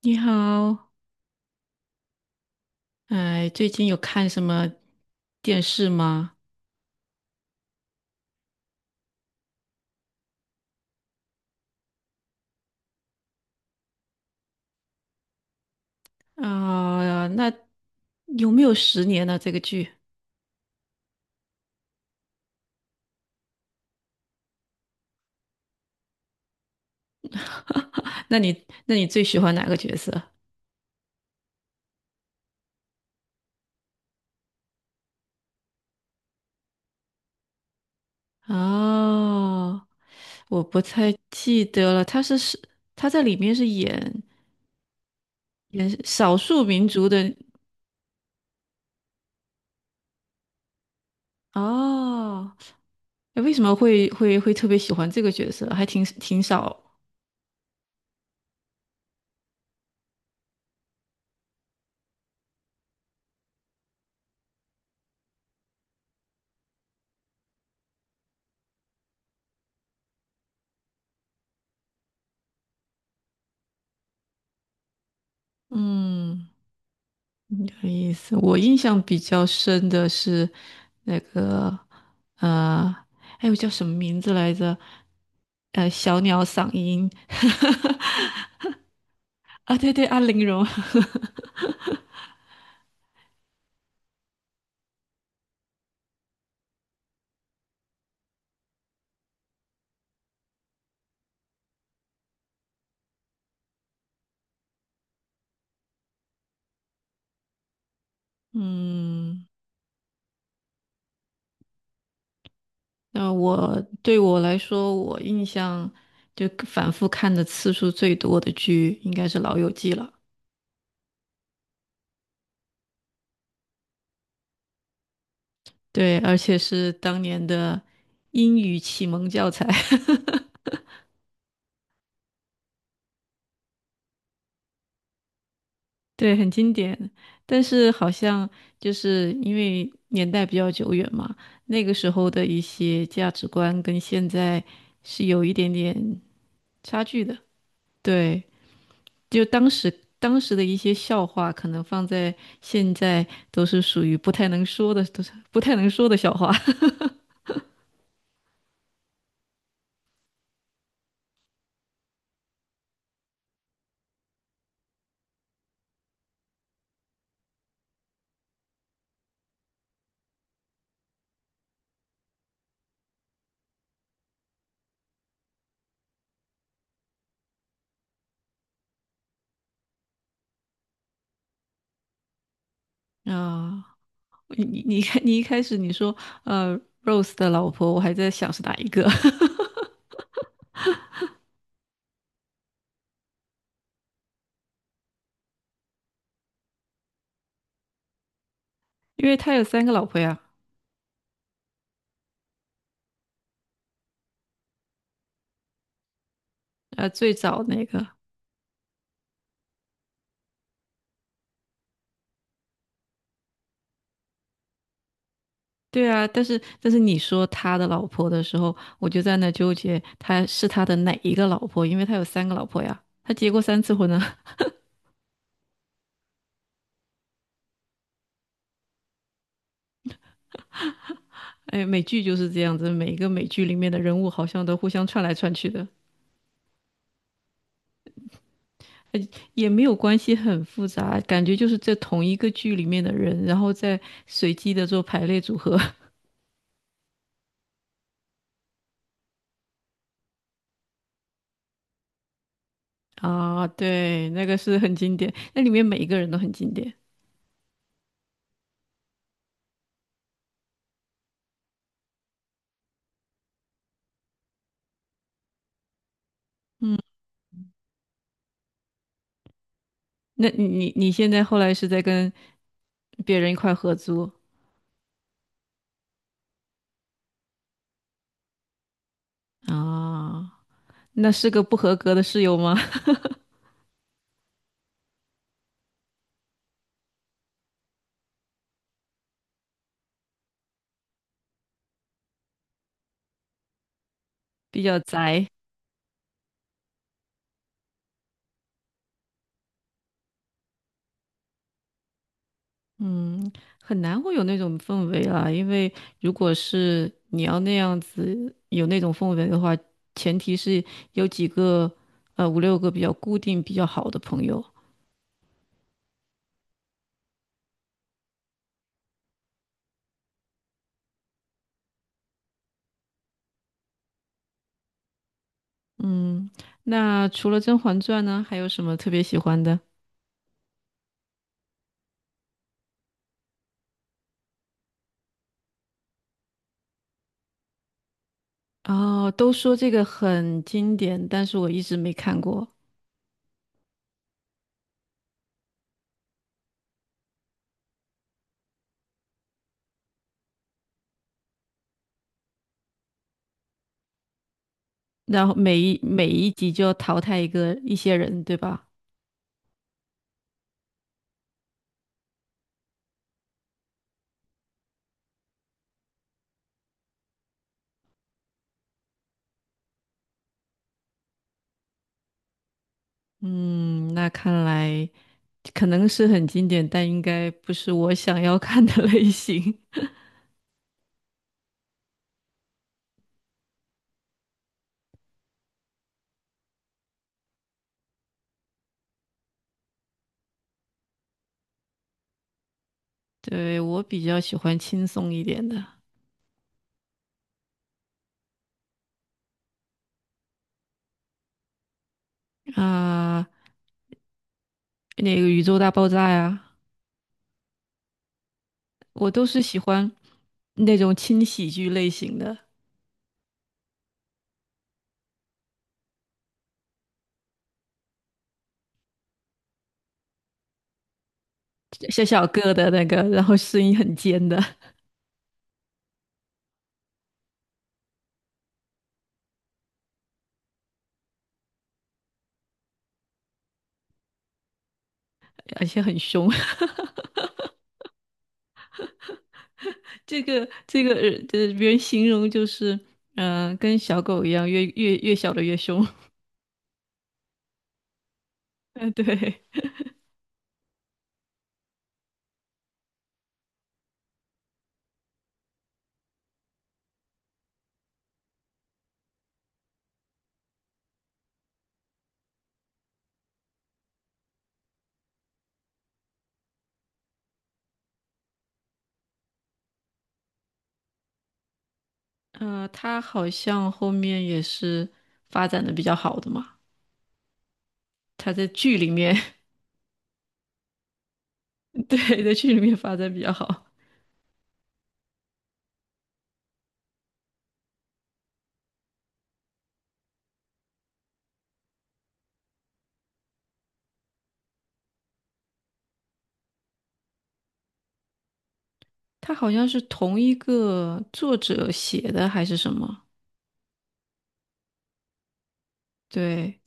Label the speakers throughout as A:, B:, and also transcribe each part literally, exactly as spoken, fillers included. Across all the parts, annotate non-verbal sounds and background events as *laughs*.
A: 你好，哎，最近有看什么电视吗？啊、那有没有十年呢？这个剧？*laughs* 那你那你最喜欢哪个角色？哦，我不太记得了，他是是他在里面是演演少数民族的。哦，哎为什么会会会特别喜欢这个角色？还挺挺少，嗯。嗯，有意思。我印象比较深的是那个，呃，哎，我叫什么名字来着？呃，小鸟嗓音 *laughs* 啊，对对，安陵容。*laughs* 嗯，那我对我来说，我印象就反复看的次数最多的剧应该是《老友记》了。对，而且是当年的英语启蒙教材。*laughs* 对，很经典，但是好像就是因为年代比较久远嘛，那个时候的一些价值观跟现在是有一点点差距的。对，就当时当时的一些笑话，可能放在现在都是属于不太能说的，都是不太能说的笑话。 *laughs* 啊。你你你看，你一开始你说呃，Rose 的老婆，我还在想是哪一个，*laughs* 因为他有三个老婆呀。呃，最早那个。对啊，但是但是你说他的老婆的时候，我就在那纠结，他是他的哪一个老婆？因为他有三个老婆呀，他结过三次婚呢。*laughs* 哎，美剧就是这样子，每一个美剧里面的人物好像都互相串来串去的，也没有关系很复杂，感觉就是在同一个剧里面的人，然后再随机的做排列组合。 *laughs* 啊。对，那个是很经典，那里面每一个人都很经典。嗯，那你你你现在后来是在跟别人一块合租啊？那是个不合格的室友吗？*laughs* 比较宅，嗯，很难会有那种氛围啊。因为如果是你要那样子有那种氛围的话，前提是有几个呃五六个比较固定、比较好的朋友。嗯，那除了《甄嬛传》呢，还有什么特别喜欢的？哦，都说这个很经典，但是我一直没看过。然后每一每一集就要淘汰一个一些人，对吧？嗯，那看来可能是很经典，但应该不是我想要看的类型。*laughs* 对，我比较喜欢轻松一点的啊，那个《宇宙大爆炸》呀，我都是喜欢那种轻喜剧类型的，小小个的那个，然后声音很尖的，而且很凶。*laughs* 这个这个呃，就是别人形容就是，嗯、跟小狗一样，越越越小的越凶。*laughs* 嗯，对。呃，他好像后面也是发展的比较好的嘛。他在剧里面，*laughs* 对，在剧里面发展比较好。他好像是同一个作者写的还是什么？对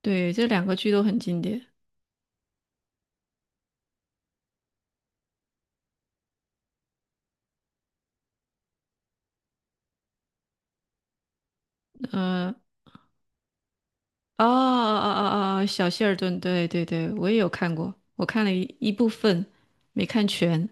A: 对，这两个剧都很经典。呃，哦哦哦哦哦，小谢尔顿，对对对，我也有看过，我看了一一部分，没看全。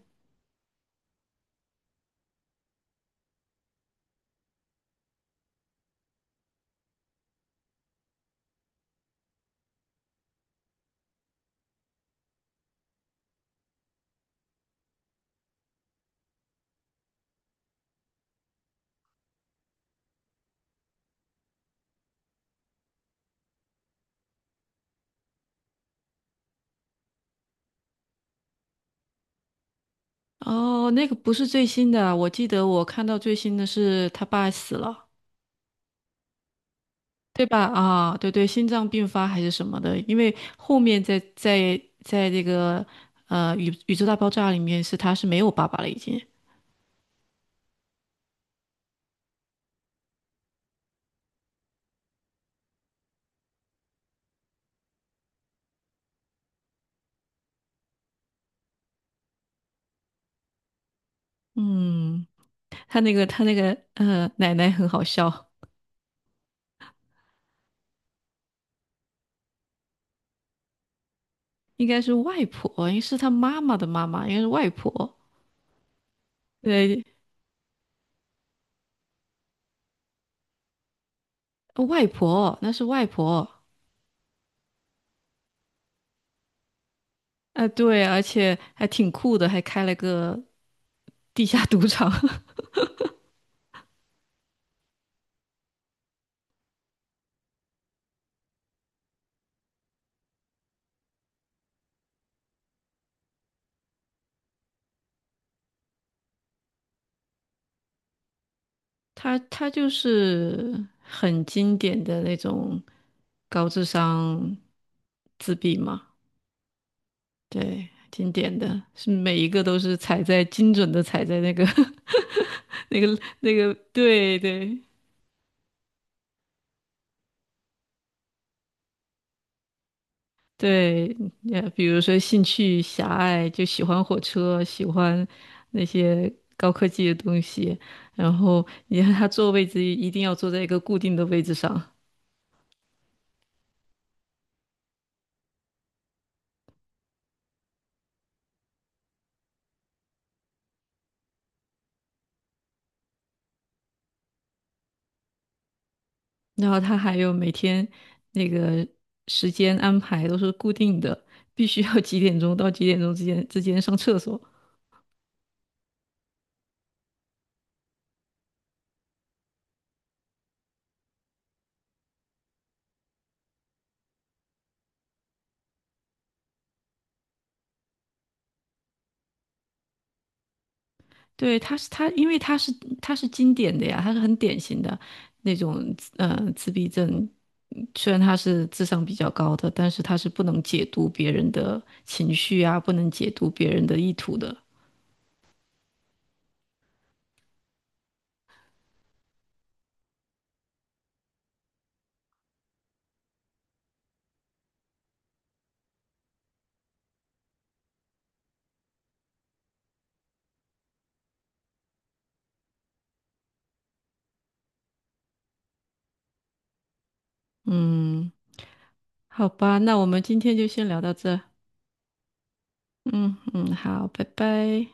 A: 哦，那个不是最新的啊，我记得我看到最新的是他爸死了。对吧？啊，对对，心脏病发还是什么的，因为后面在在在这个呃宇宇宙大爆炸里面是他是没有爸爸了已经，嗯，他那个他那个呃奶奶很好笑，应该是外婆，应该是他妈妈的妈妈，应该是外婆，对，哦外婆那是外婆，啊、对，而且还挺酷的，还开了个地下赌场。他他就是很经典的那种高智商自闭嘛，对，经典的是每一个都是踩在精准的踩在那个 *laughs* 那个那个，对对对，也比如说兴趣狭隘，就喜欢火车，喜欢那些高科技的东西，然后你看他坐位置一定要坐在一个固定的位置上，然后他还有每天那个时间安排都是固定的，必须要几点钟到几点钟之间之间上厕所。对，他是他，因为他是他是经典的呀，他是很典型的那种呃自闭症。虽然他是智商比较高的，但是他是不能解读别人的情绪啊，不能解读别人的意图的。嗯，好吧，那我们今天就先聊到这。嗯嗯，好，拜拜。